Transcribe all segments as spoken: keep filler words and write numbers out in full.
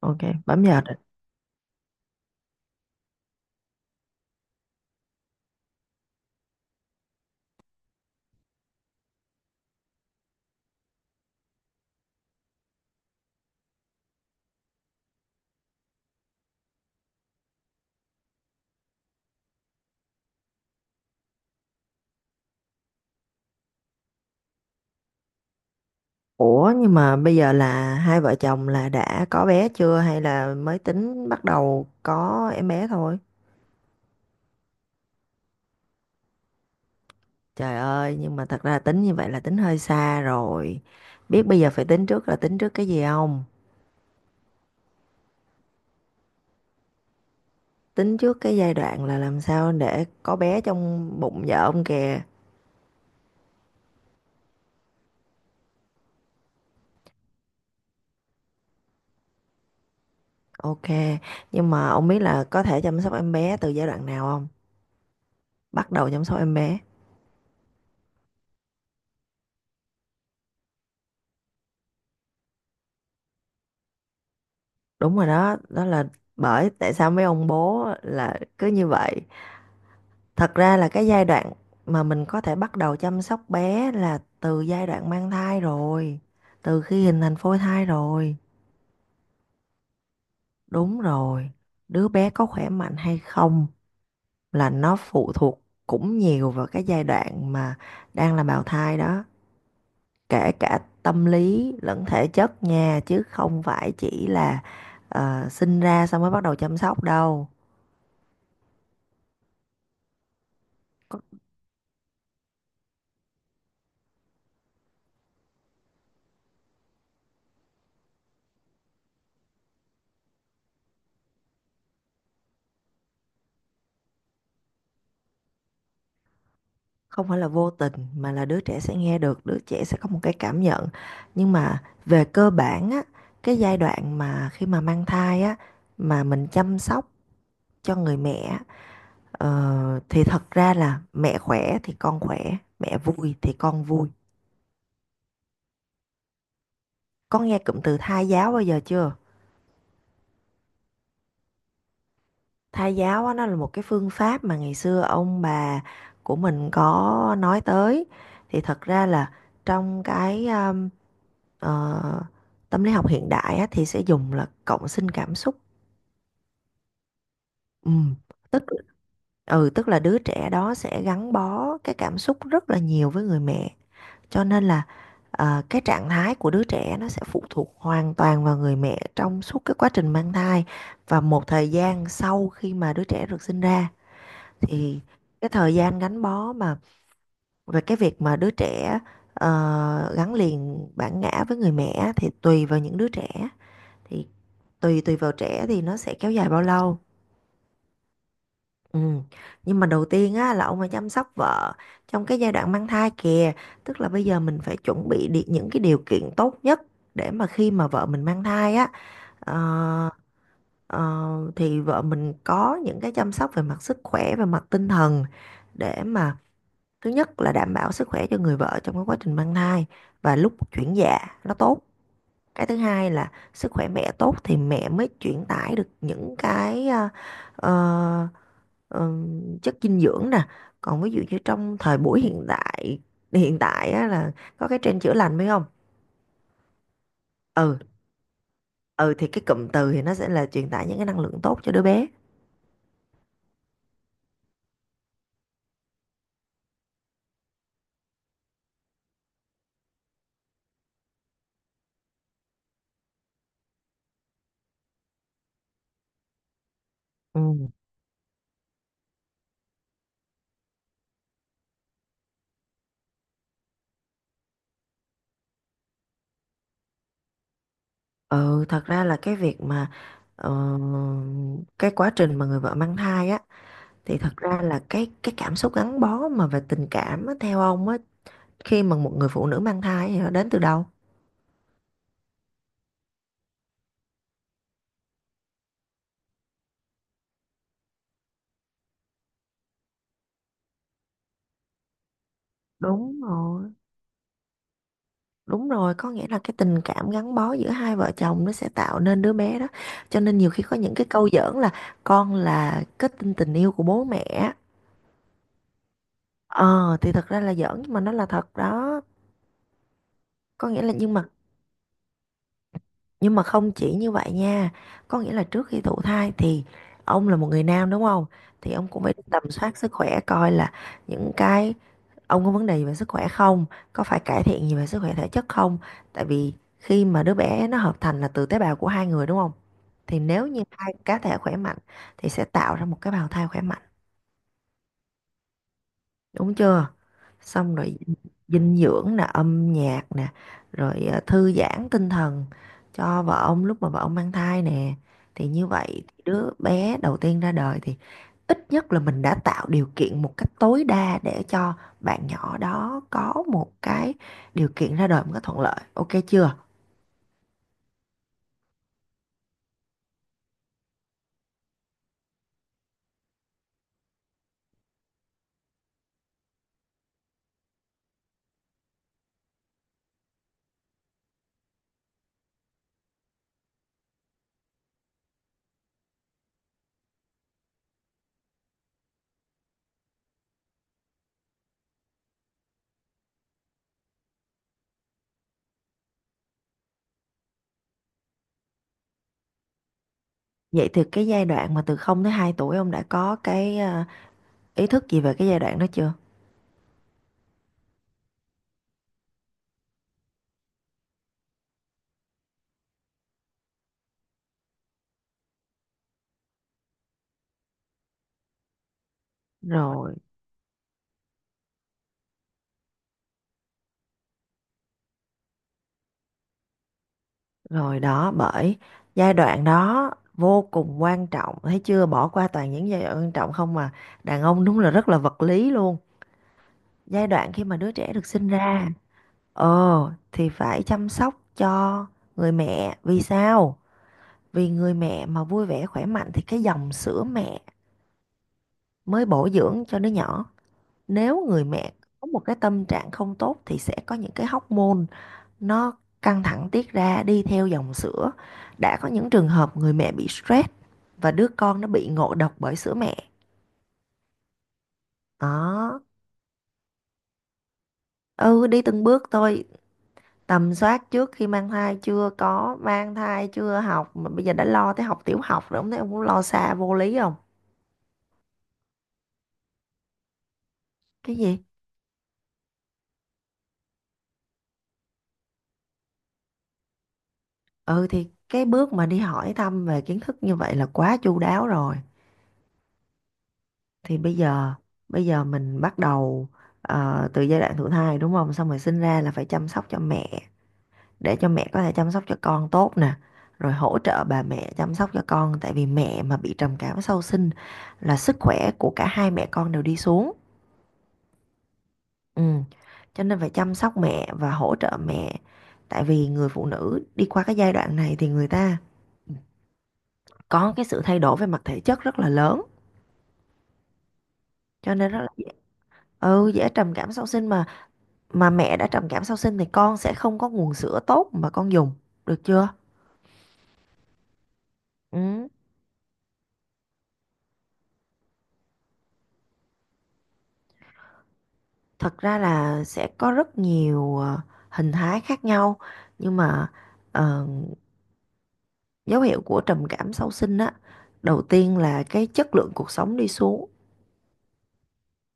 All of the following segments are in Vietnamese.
Ok, bấm giờ định. Ủa nhưng mà bây giờ là hai vợ chồng là đã có bé chưa hay là mới tính bắt đầu có em bé thôi? Trời ơi, nhưng mà thật ra tính như vậy là tính hơi xa rồi. Biết bây giờ phải tính trước là tính trước cái gì không? Tính trước cái giai đoạn là làm sao để có bé trong bụng vợ ông kìa. Ok, nhưng mà ông biết là có thể chăm sóc em bé từ giai đoạn nào không? Bắt đầu chăm sóc em bé. Đúng rồi đó, đó là bởi tại sao mấy ông bố là cứ như vậy. Thật ra là cái giai đoạn mà mình có thể bắt đầu chăm sóc bé là từ giai đoạn mang thai rồi, từ khi hình thành phôi thai rồi. Đúng rồi, đứa bé có khỏe mạnh hay không là nó phụ thuộc cũng nhiều vào cái giai đoạn mà đang là bào thai đó, kể cả tâm lý lẫn thể chất nha, chứ không phải chỉ là ờ, sinh ra xong mới bắt đầu chăm sóc đâu. Không phải là vô tình mà là đứa trẻ sẽ nghe được, đứa trẻ sẽ có một cái cảm nhận. Nhưng mà về cơ bản á, cái giai đoạn mà khi mà mang thai á, mà mình chăm sóc cho người mẹ, ờ, thì thật ra là mẹ khỏe thì con khỏe, mẹ vui thì con vui. Có nghe cụm từ thai giáo bao giờ chưa? Thai giáo á, nó là một cái phương pháp mà ngày xưa ông bà của mình có nói tới. Thì thật ra là trong cái um, ờ, tâm lý học hiện đại á, thì sẽ dùng là cộng sinh cảm xúc. Ừ. tức ừ tức là đứa trẻ đó sẽ gắn bó cái cảm xúc rất là nhiều với người mẹ, cho nên là ờ, cái trạng thái của đứa trẻ nó sẽ phụ thuộc hoàn toàn vào người mẹ trong suốt cái quá trình mang thai và một thời gian sau khi mà đứa trẻ được sinh ra. Thì cái thời gian gắn bó mà về cái việc mà đứa trẻ ờ, gắn liền bản ngã với người mẹ á, thì tùy vào những đứa trẻ, thì tùy tùy vào trẻ thì nó sẽ kéo dài bao lâu. Ừ. Nhưng mà đầu tiên á là ông phải chăm sóc vợ trong cái giai đoạn mang thai kìa, tức là bây giờ mình phải chuẩn bị đi- những cái điều kiện tốt nhất để mà khi mà vợ mình mang thai á, ờ, ờ, thì vợ mình có những cái chăm sóc về mặt sức khỏe về mặt tinh thần để mà thứ nhất là đảm bảo sức khỏe cho người vợ trong cái quá trình mang thai và lúc chuyển dạ nó tốt. Cái thứ hai là sức khỏe mẹ tốt thì mẹ mới chuyển tải được những cái à, ờ, ừm, chất dinh dưỡng nè. Còn ví dụ như trong thời buổi hiện đại, hiện tại á, là có cái trend chữa lành phải không? Ừ. Ừ thì cái cụm từ thì nó sẽ là truyền tải những cái năng lượng tốt cho đứa bé. Ừ. Ừ, thật ra là cái việc mà ờ, cái quá trình mà người vợ mang thai á, thì thật ra là cái cái cảm xúc gắn bó mà về tình cảm á, theo ông á, khi mà một người phụ nữ mang thai thì nó đến từ đâu? Đúng rồi, đúng rồi, có nghĩa là cái tình cảm gắn bó giữa hai vợ chồng nó sẽ tạo nên đứa bé đó. Cho nên nhiều khi có những cái câu giỡn là con là kết tinh tình yêu của bố mẹ. Ờ thì thật ra là giỡn nhưng mà nó là thật đó. Có nghĩa là nhưng mà nhưng mà không chỉ như vậy nha. Có nghĩa là trước khi thụ thai thì ông là một người nam đúng không? Thì ông cũng phải tầm soát sức khỏe coi là những cái ông có vấn đề gì về sức khỏe không, có phải cải thiện gì về sức khỏe thể chất không, tại vì khi mà đứa bé nó hợp thành là từ tế bào của hai người đúng không? Thì nếu như hai cá thể khỏe mạnh thì sẽ tạo ra một cái bào thai khỏe mạnh, đúng chưa? Xong rồi dinh dưỡng nè, âm nhạc nè, rồi ờ, thư giãn tinh thần cho vợ ông lúc mà vợ ông mang thai nè, thì như vậy thì đứa bé đầu tiên ra đời thì ít nhất là mình đã tạo điều kiện một cách tối đa để cho bạn nhỏ đó có một cái điều kiện ra đời một cách thuận lợi, ok chưa? Vậy thì cái giai đoạn mà từ không tới hai tuổi ông đã có cái ờ, ý thức gì về cái giai đoạn đó chưa? Rồi. Rồi đó, bởi giai đoạn đó vô cùng quan trọng, thấy chưa? Bỏ qua toàn những giai đoạn quan trọng không mà đàn ông đúng là rất là vật lý luôn. Giai đoạn khi mà đứa trẻ được sinh ra, ờ thì phải chăm sóc cho người mẹ. Vì sao? Vì người mẹ mà vui vẻ khỏe mạnh thì cái dòng sữa mẹ mới bổ dưỡng cho đứa nhỏ. Nếu người mẹ có một cái tâm trạng không tốt thì sẽ có những cái hormone nó căng thẳng tiết ra đi theo dòng sữa. Đã có những trường hợp người mẹ bị stress và đứa con nó bị ngộ độc bởi sữa mẹ. Đó. Ừ, đi từng bước thôi. Tầm soát trước khi mang thai chưa có, mang thai chưa học mà bây giờ đã lo tới học tiểu học rồi, không thấy ông cũng lo xa vô lý không? Cái gì? Ừ thì cái bước mà đi hỏi thăm về kiến thức như vậy là quá chu đáo rồi. Thì bây giờ bây giờ mình bắt đầu ờ, từ giai đoạn thụ thai đúng không? Xong rồi sinh ra là phải chăm sóc cho mẹ để cho mẹ có thể chăm sóc cho con tốt nè, rồi hỗ trợ bà mẹ chăm sóc cho con, tại vì mẹ mà bị trầm cảm sau sinh là sức khỏe của cả hai mẹ con đều đi xuống. Ừ. Cho nên phải chăm sóc mẹ và hỗ trợ mẹ, tại vì người phụ nữ đi qua cái giai đoạn này thì người ta có cái sự thay đổi về mặt thể chất rất là lớn, cho nên rất là dễ, ừ dễ trầm cảm sau sinh mà mà mẹ đã trầm cảm sau sinh thì con sẽ không có nguồn sữa tốt mà con dùng, được chưa? Ừ, thật ra là sẽ có rất nhiều ờ, hình thái khác nhau, nhưng mà ờ, dấu hiệu của trầm cảm sau sinh á, đầu tiên là cái chất lượng cuộc sống đi xuống,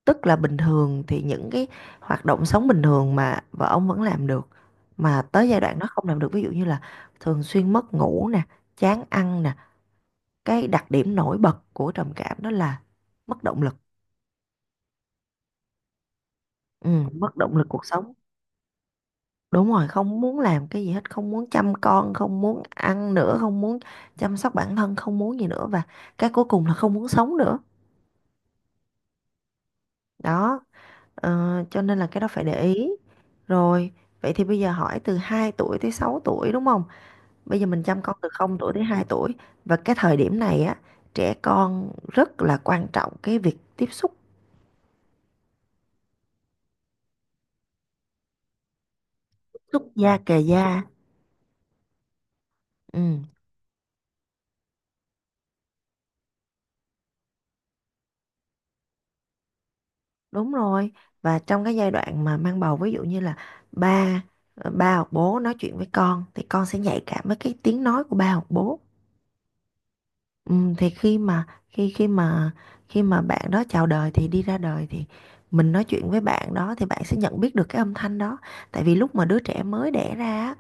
tức là bình thường thì những cái hoạt động sống bình thường mà vợ ông vẫn làm được mà tới giai đoạn nó không làm được, ví dụ như là thường xuyên mất ngủ nè, chán ăn nè. Cái đặc điểm nổi bật của trầm cảm đó là mất động lực. Ừ, mất động lực cuộc sống. Đúng rồi, không muốn làm cái gì hết, không muốn chăm con, không muốn ăn nữa, không muốn chăm sóc bản thân, không muốn gì nữa và cái cuối cùng là không muốn sống nữa. Đó, ờ, cho nên là cái đó phải để ý. Rồi, vậy thì bây giờ hỏi từ hai tuổi tới sáu tuổi đúng không? Bây giờ mình chăm con từ không tuổi tới hai tuổi và cái thời điểm này á, trẻ con rất là quan trọng cái việc tiếp xúc, tiếp xúc da kề da. Ừ. Đúng rồi. Và trong cái giai đoạn mà mang bầu ví dụ như là ba ờ, ba hoặc bố nói chuyện với con thì con sẽ nhạy cảm với cái tiếng nói của ba hoặc bố. Ừ, thì khi mà khi khi mà khi mà bạn đó chào đời thì đi ra đời thì mình nói chuyện với bạn đó thì bạn sẽ nhận biết được cái âm thanh đó. Tại vì lúc mà đứa trẻ mới đẻ ra á,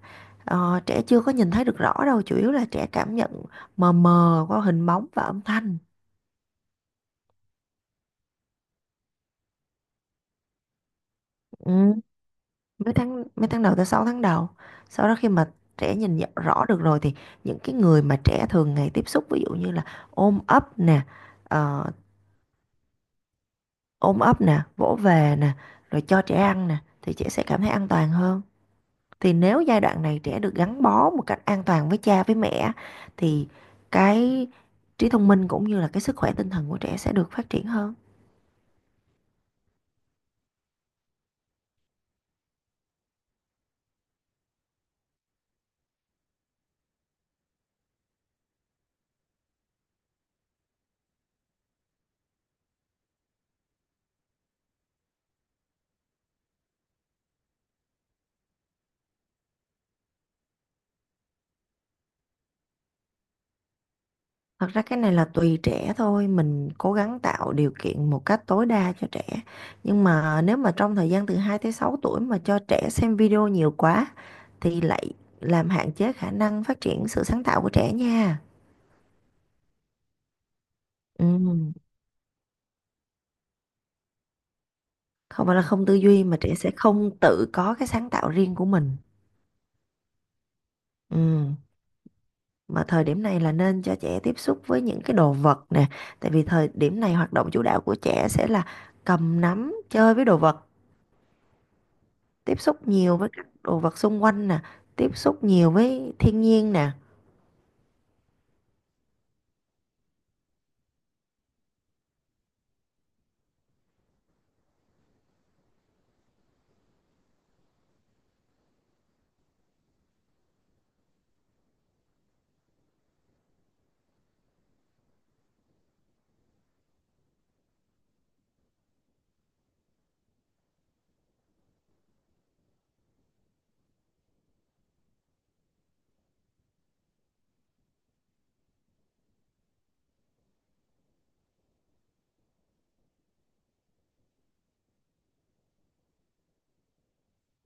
ờ, trẻ chưa có nhìn thấy được rõ đâu, chủ yếu là trẻ cảm nhận mờ mờ qua hình bóng và âm thanh. Ừ. mấy tháng mấy tháng đầu tới sáu tháng đầu. Sau đó khi mà trẻ nhìn nhận rõ được rồi thì những cái người mà trẻ thường ngày tiếp xúc ví dụ như là ôm ấp nè ờ, ôm ấp nè vỗ về nè, rồi cho trẻ ăn nè thì trẻ sẽ cảm thấy an toàn hơn. Thì nếu giai đoạn này trẻ được gắn bó một cách an toàn với cha với mẹ thì cái trí thông minh cũng như là cái sức khỏe tinh thần của trẻ sẽ được phát triển hơn. Thật ra cái này là tùy trẻ thôi, mình cố gắng tạo điều kiện một cách tối đa cho trẻ. Nhưng mà nếu mà trong thời gian từ hai tới sáu tuổi mà cho trẻ xem video nhiều quá thì lại làm hạn chế khả năng phát triển sự sáng tạo của trẻ nha. Ừ. Không phải là không tư duy mà trẻ sẽ không tự có cái sáng tạo riêng của mình. Ừ. Mà thời điểm này là nên cho trẻ tiếp xúc với những cái đồ vật nè, tại vì thời điểm này hoạt động chủ đạo của trẻ sẽ là cầm nắm, chơi với đồ vật. Tiếp xúc nhiều với các đồ vật xung quanh nè, tiếp xúc nhiều với thiên nhiên nè.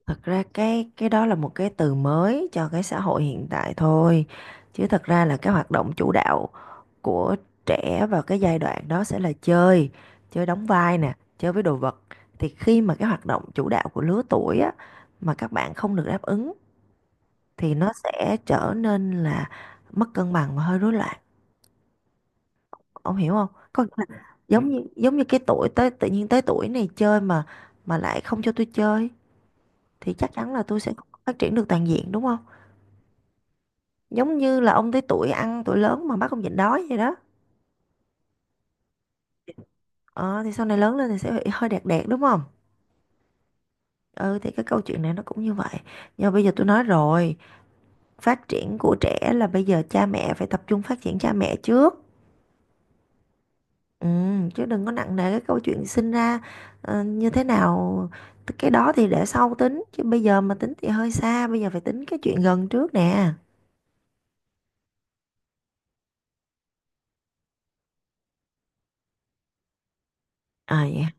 Thật ra cái cái đó là một cái từ mới cho cái xã hội hiện tại thôi, chứ thật ra là cái hoạt động chủ đạo của trẻ vào cái giai đoạn đó sẽ là chơi, chơi đóng vai nè, chơi với đồ vật. Thì khi mà cái hoạt động chủ đạo của lứa tuổi á mà các bạn không được đáp ứng thì nó sẽ trở nên là mất cân bằng và hơi rối loạn, ông hiểu không? Có nghĩa là giống như giống như cái tuổi tới tự nhiên tới tuổi này chơi mà mà lại không cho tôi chơi thì chắc chắn là tôi sẽ không phát triển được toàn diện đúng không? Giống như là ông tới tuổi ăn tuổi lớn mà bắt ông nhịn đói vậy đó, ờ, thì sau này lớn lên thì sẽ bị hơi đẹt đẹt đúng không? Ừ thì cái câu chuyện này nó cũng như vậy. Nhưng mà bây giờ tôi nói rồi, phát triển của trẻ là bây giờ cha mẹ phải tập trung phát triển cha mẹ trước. Ừ, chứ đừng có nặng nề cái câu chuyện sinh ra ờ, như thế nào, cái đó thì để sau tính chứ bây giờ mà tính thì hơi xa, bây giờ phải tính cái chuyện gần trước nè. À dạ.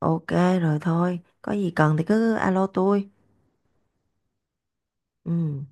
Ok. Rồi thôi, có gì cần thì cứ alo tôi. Ừ.